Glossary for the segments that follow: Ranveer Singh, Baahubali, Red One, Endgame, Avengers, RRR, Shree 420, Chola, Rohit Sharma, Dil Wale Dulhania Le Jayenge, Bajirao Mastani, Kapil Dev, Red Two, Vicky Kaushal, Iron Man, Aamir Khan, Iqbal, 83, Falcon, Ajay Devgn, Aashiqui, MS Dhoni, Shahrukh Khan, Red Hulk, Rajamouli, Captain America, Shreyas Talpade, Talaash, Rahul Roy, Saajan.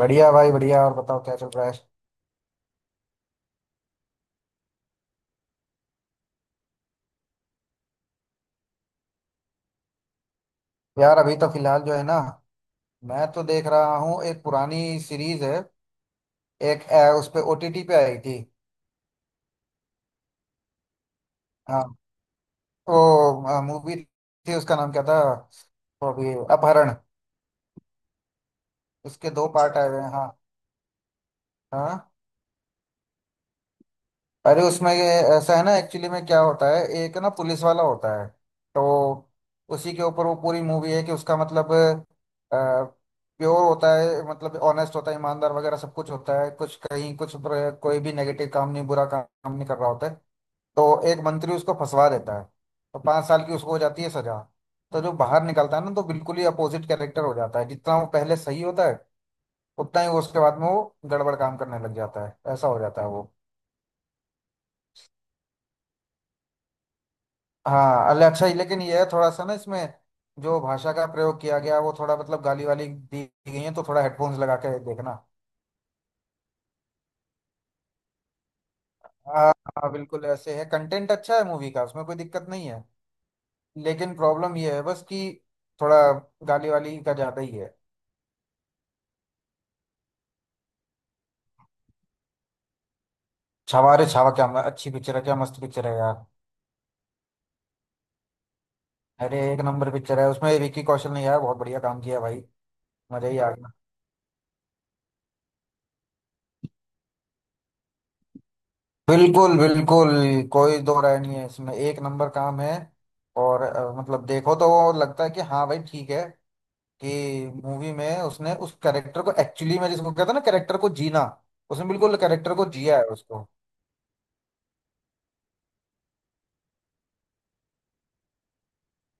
बढ़िया भाई बढ़िया। और बताओ क्या चल रहा है। यार अभी तो फिलहाल जो है ना, मैं तो देख रहा हूँ। एक पुरानी सीरीज है। उस पे ओटीटी पे आई थी। हाँ, वो मूवी थी, उसका नाम क्या था, वो अभी अपहरण। उसके दो पार्ट आए हुए हैं। हाँ हाँ। अरे उसमें ये ऐसा है ना, एक्चुअली में क्या होता है, एक ना पुलिस वाला होता है। तो उसी के ऊपर वो पूरी मूवी है कि उसका मतलब प्योर होता है, मतलब ऑनेस्ट होता है, ईमानदार वगैरह सब कुछ होता है। कुछ कहीं कुछ कोई भी नेगेटिव काम नहीं, बुरा काम काम नहीं कर रहा होता है। तो एक मंत्री उसको फंसवा देता है। तो 5 साल की उसको हो जाती है सजा। तो जो बाहर निकलता है ना, तो बिल्कुल ही अपोजिट कैरेक्टर हो जाता है। जितना वो पहले सही होता है, उतना ही वो उसके बाद में वो गड़बड़ काम करने लग जाता है। ऐसा हो जाता है वो। हाँ अल्ले अच्छा ही, लेकिन ये है थोड़ा सा ना, इसमें जो भाषा का प्रयोग किया गया वो थोड़ा मतलब गाली वाली दी गई है, तो थोड़ा हेडफोन्स लगा के देखना। हाँ हाँ, बिल्कुल ऐसे है। कंटेंट अच्छा है मूवी का, उसमें कोई दिक्कत नहीं है। लेकिन प्रॉब्लम ये है बस कि थोड़ा गाली वाली का ज्यादा ही है। छावा? अरे छावा! क्या अच्छी पिक्चर है, क्या मस्त पिक्चर है यार। अरे एक नंबर पिक्चर है। उसमें विक्की कौशल ने यार बहुत बढ़िया काम किया भाई। मजा ही आ गया। बिल्कुल बिल्कुल, कोई दो राय नहीं है इसमें। एक नंबर काम है। और मतलब देखो तो वो लगता है कि हाँ भाई ठीक है, कि मूवी में उसने उस कैरेक्टर को एक्चुअली में, जिसको कहता है ना कैरेक्टर को जीना, उसने बिल्कुल कैरेक्टर को जिया है उसको।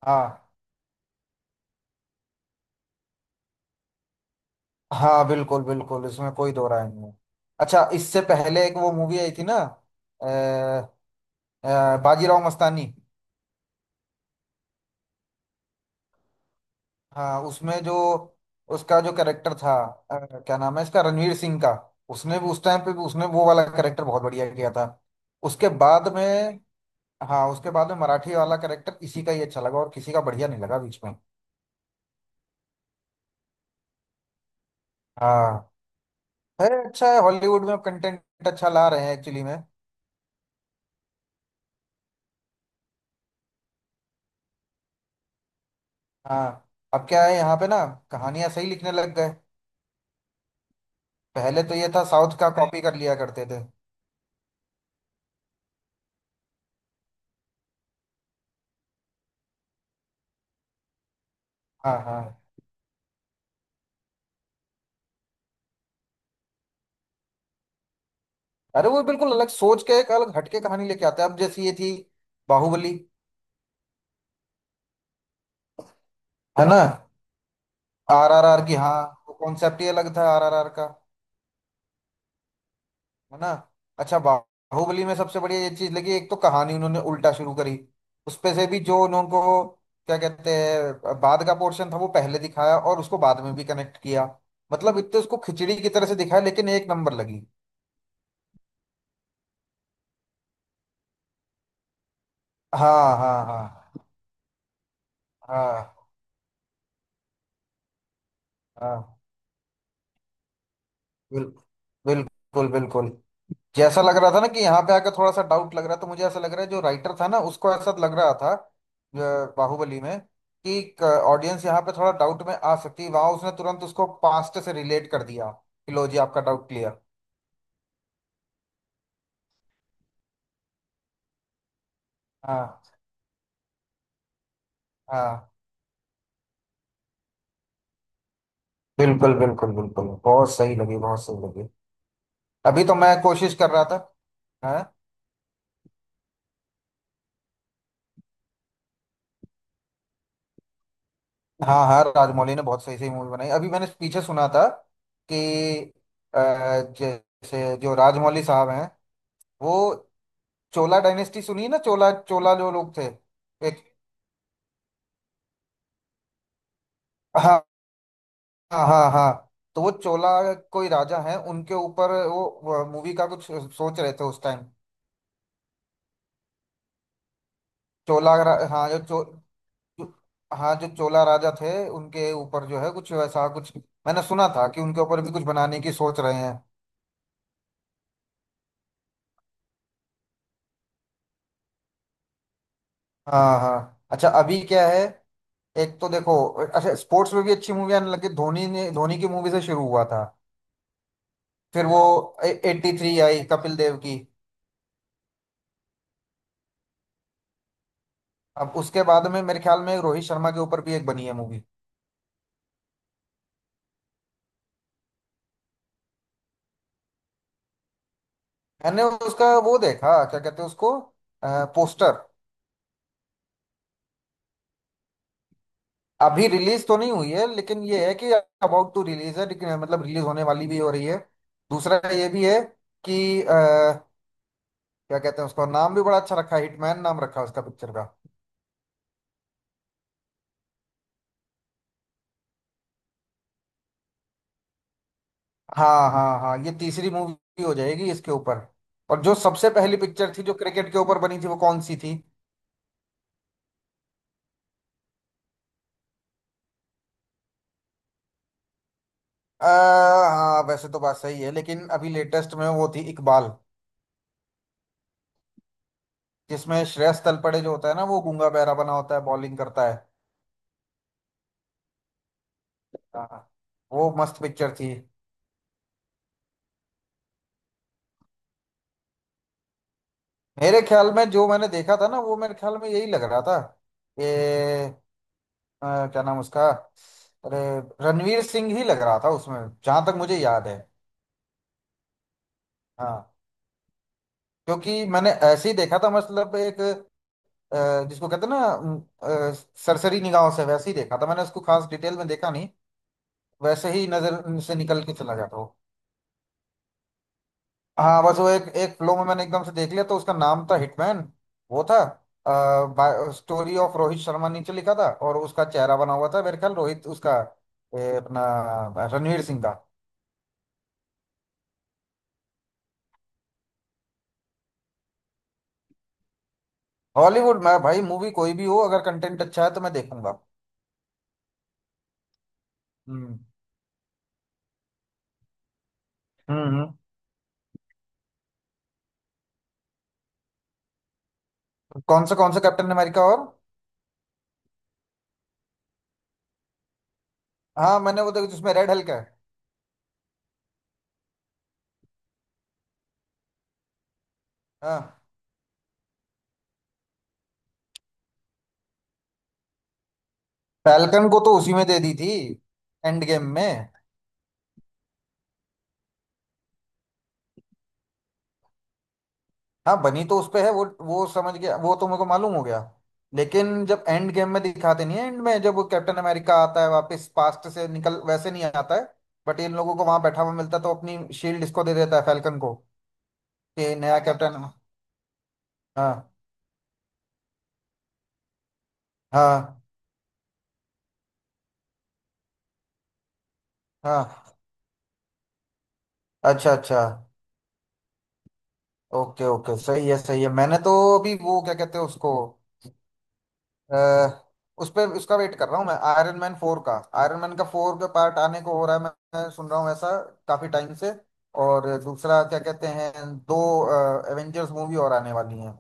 हाँ हाँ, बिल्कुल बिल्कुल, इसमें कोई दो राय नहीं है। अच्छा इससे पहले एक वो मूवी आई थी ना, बाजीराव मस्तानी। हाँ उसमें जो उसका जो कैरेक्टर था, अ, क्या नाम है इसका, रणवीर सिंह का। उसने भी उस टाइम पे भी उसने वो वाला कैरेक्टर बहुत बढ़िया किया था। उसके बाद में, हाँ उसके बाद में मराठी वाला कैरेक्टर इसी का ही अच्छा लगा, और किसी का बढ़िया नहीं लगा बीच में। हाँ, है अच्छा है। हॉलीवुड में कंटेंट अच्छा ला रहे हैं एक्चुअली में। हाँ अब क्या है यहाँ पे ना, कहानियां सही लिखने लग गए। पहले तो ये था साउथ का कॉपी कर लिया करते थे। हाँ हाँ। अरे वो बिल्कुल अलग सोच के, एक अलग हटके कहानी लेके आते हैं। अब जैसी ये थी बाहुबली। है ना। आरआरआर की हाँ। वो कॉन्सेप्ट ही अलग था आरआरआर का। है ना। अच्छा बाहुबली में सबसे बढ़िया ये चीज लगी, एक तो कहानी उन्होंने उल्टा शुरू करी। उसपे से भी जो उनको क्या कहते हैं, बाद का पोर्शन था वो पहले दिखाया, और उसको बाद में भी कनेक्ट किया। मतलब इतने उसको खिचड़ी की तरह से दिखाया लेकिन एक नंबर लगी। हाँ हाँ हाँ हाँ हाँ। बिल्कुल बिल्कुल बिल्कुल, जैसा लग रहा था ना कि यहाँ पे आकर थोड़ा सा डाउट लग रहा था। मुझे ऐसा लग रहा है जो राइटर था ना उसको ऐसा लग रहा था बाहुबली में, कि ऑडियंस यहाँ पे थोड़ा डाउट में आ सकती है, वहां उसने तुरंत उसको पास्ट से रिलेट कर दिया कि लो जी आपका डाउट क्लियर। हाँ हाँ, बिल्कुल बिल्कुल बिल्कुल, बहुत सही लगी बहुत सही लगी। अभी तो मैं कोशिश कर रहा था। हाँ हाँ हाँ, राजमौली ने बहुत सही सही मूवी बनाई। अभी मैंने पीछे सुना था कि अ, जैसे जो राजमौली साहब हैं, वो चोला डायनेस्टी, सुनी है ना, चोला चोला जो लोग थे एक। हाँ हाँ हाँ हाँ। तो वो चोला कोई राजा है उनके ऊपर वो मूवी का कुछ सोच रहे थे उस टाइम। हाँ जो- हाँ जो चोला राजा थे उनके ऊपर जो है कुछ वैसा कुछ। मैंने सुना था कि उनके ऊपर भी कुछ बनाने की सोच रहे हैं। हाँ हाँ अच्छा, अभी क्या है, एक तो देखो अच्छा, स्पोर्ट्स में भी अच्छी मूवी आने लगी। धोनी ने, धोनी की मूवी से शुरू हुआ था। फिर वो 83 आई कपिल देव की। अब उसके बाद में मेरे ख्याल में रोहित शर्मा के ऊपर भी एक बनी है मूवी। मैंने उसका वो देखा, क्या कहते हैं उसको, पोस्टर। अभी रिलीज तो नहीं हुई है, लेकिन ये है कि अबाउट टू रिलीज है, लेकिन मतलब रिलीज होने वाली भी हो रही है। दूसरा ये भी है कि क्या कहते हैं, उसका नाम भी बड़ा अच्छा रखा है, हिटमैन नाम रखा है उसका पिक्चर का। हाँ हाँ हाँ, ये तीसरी मूवी हो जाएगी इसके ऊपर। और जो सबसे पहली पिक्चर थी जो क्रिकेट के ऊपर बनी थी वो कौन सी थी? आ, हाँ वैसे तो बात सही है, लेकिन अभी लेटेस्ट में वो थी इकबाल, जिसमें श्रेयस तलपड़े जो होता है ना वो गूंगा बहरा बना होता है, बॉलिंग करता है। हाँ, वो मस्त पिक्चर थी। मेरे ख्याल में जो मैंने देखा था ना, वो मेरे ख्याल में यही लग रहा था कि क्या नाम उसका, अरे रणवीर सिंह ही लग रहा था उसमें, जहां तक मुझे याद है। हाँ क्योंकि मैंने ऐसे ही देखा था मतलब एक, जिसको कहते हैं ना, अ, सरसरी निगाहों से वैसे ही देखा था मैंने उसको, खास डिटेल में देखा नहीं। वैसे ही नजर से निकल के चला गया था वो। हाँ बस वो एक, फ्लो में मैंने एकदम से देख लिया। तो उसका नाम था हिटमैन, वो था, स्टोरी ऑफ रोहित शर्मा नीचे लिखा था और उसका चेहरा बना हुआ था मेरे ख्याल रोहित उसका अपना रणवीर सिंह का। हॉलीवुड में भाई मूवी कोई भी हो, अगर कंटेंट अच्छा है तो मैं देखूंगा। हम्म, हम्म, कौन सा कैप्टन अमेरिका और? हाँ मैंने वो देखा जिसमें रेड हल्क है। हाँ, फैल्कन को तो उसी में दे दी थी, एंड गेम में। हाँ, बनी तो उस पे है, वो समझ गया, वो तो मेरे को मालूम हो गया। लेकिन जब एंड गेम में दिखाते नहीं है, एंड में जब वो कैप्टन अमेरिका आता है वापस पास्ट से निकल वैसे नहीं आता है, बट इन लोगों को वहां बैठा हुआ मिलता है तो अपनी शील्ड इसको दे देता है फैल्कन को, कि नया कैप्टन। हाँ हाँ हाँ, अच्छा अच्छा, ओके ओके, सही है सही है। मैंने तो अभी वो क्या कहते हैं उसको, अ, उस पे उसका वेट कर रहा हूँ मैं, आयरन मैन 4 का। आयरन मैन का फोर का पार्ट आने को हो रहा है, मैं सुन रहा हूँ ऐसा काफी टाइम से। और दूसरा क्या कहते हैं, दो एवेंजर्स मूवी और आने वाली हैं।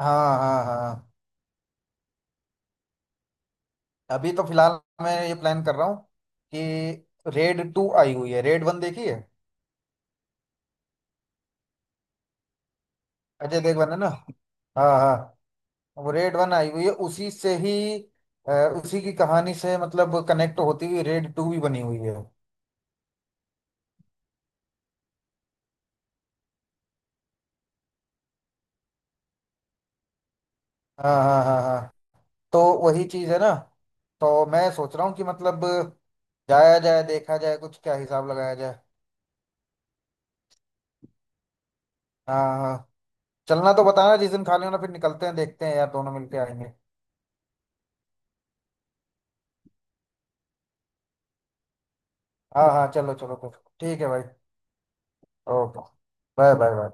हाँ हाँ हाँ, अभी तो फिलहाल मैं ये प्लान कर रहा हूँ कि रेड टू आई हुई है, रेड वन देखी है। अजय देवगन है ना। हाँ हाँ। वो रेड वन आई हुई है, उसी से ही, अ, उसी की कहानी से मतलब कनेक्ट होती हुई रेड टू भी बनी हुई है। हाँ हाँ हाँ हाँ। तो वही चीज है ना, तो मैं सोच रहा हूँ कि मतलब जाया जाए देखा जाए, कुछ क्या हिसाब लगाया जाए। हाँ हाँ, चलना तो बताना, जिस दिन खाली होना फिर निकलते हैं देखते हैं यार, दोनों मिलके आएंगे। हाँ हाँ, चलो चलो फिर। ठीक है भाई। ओके। Bye bye bye.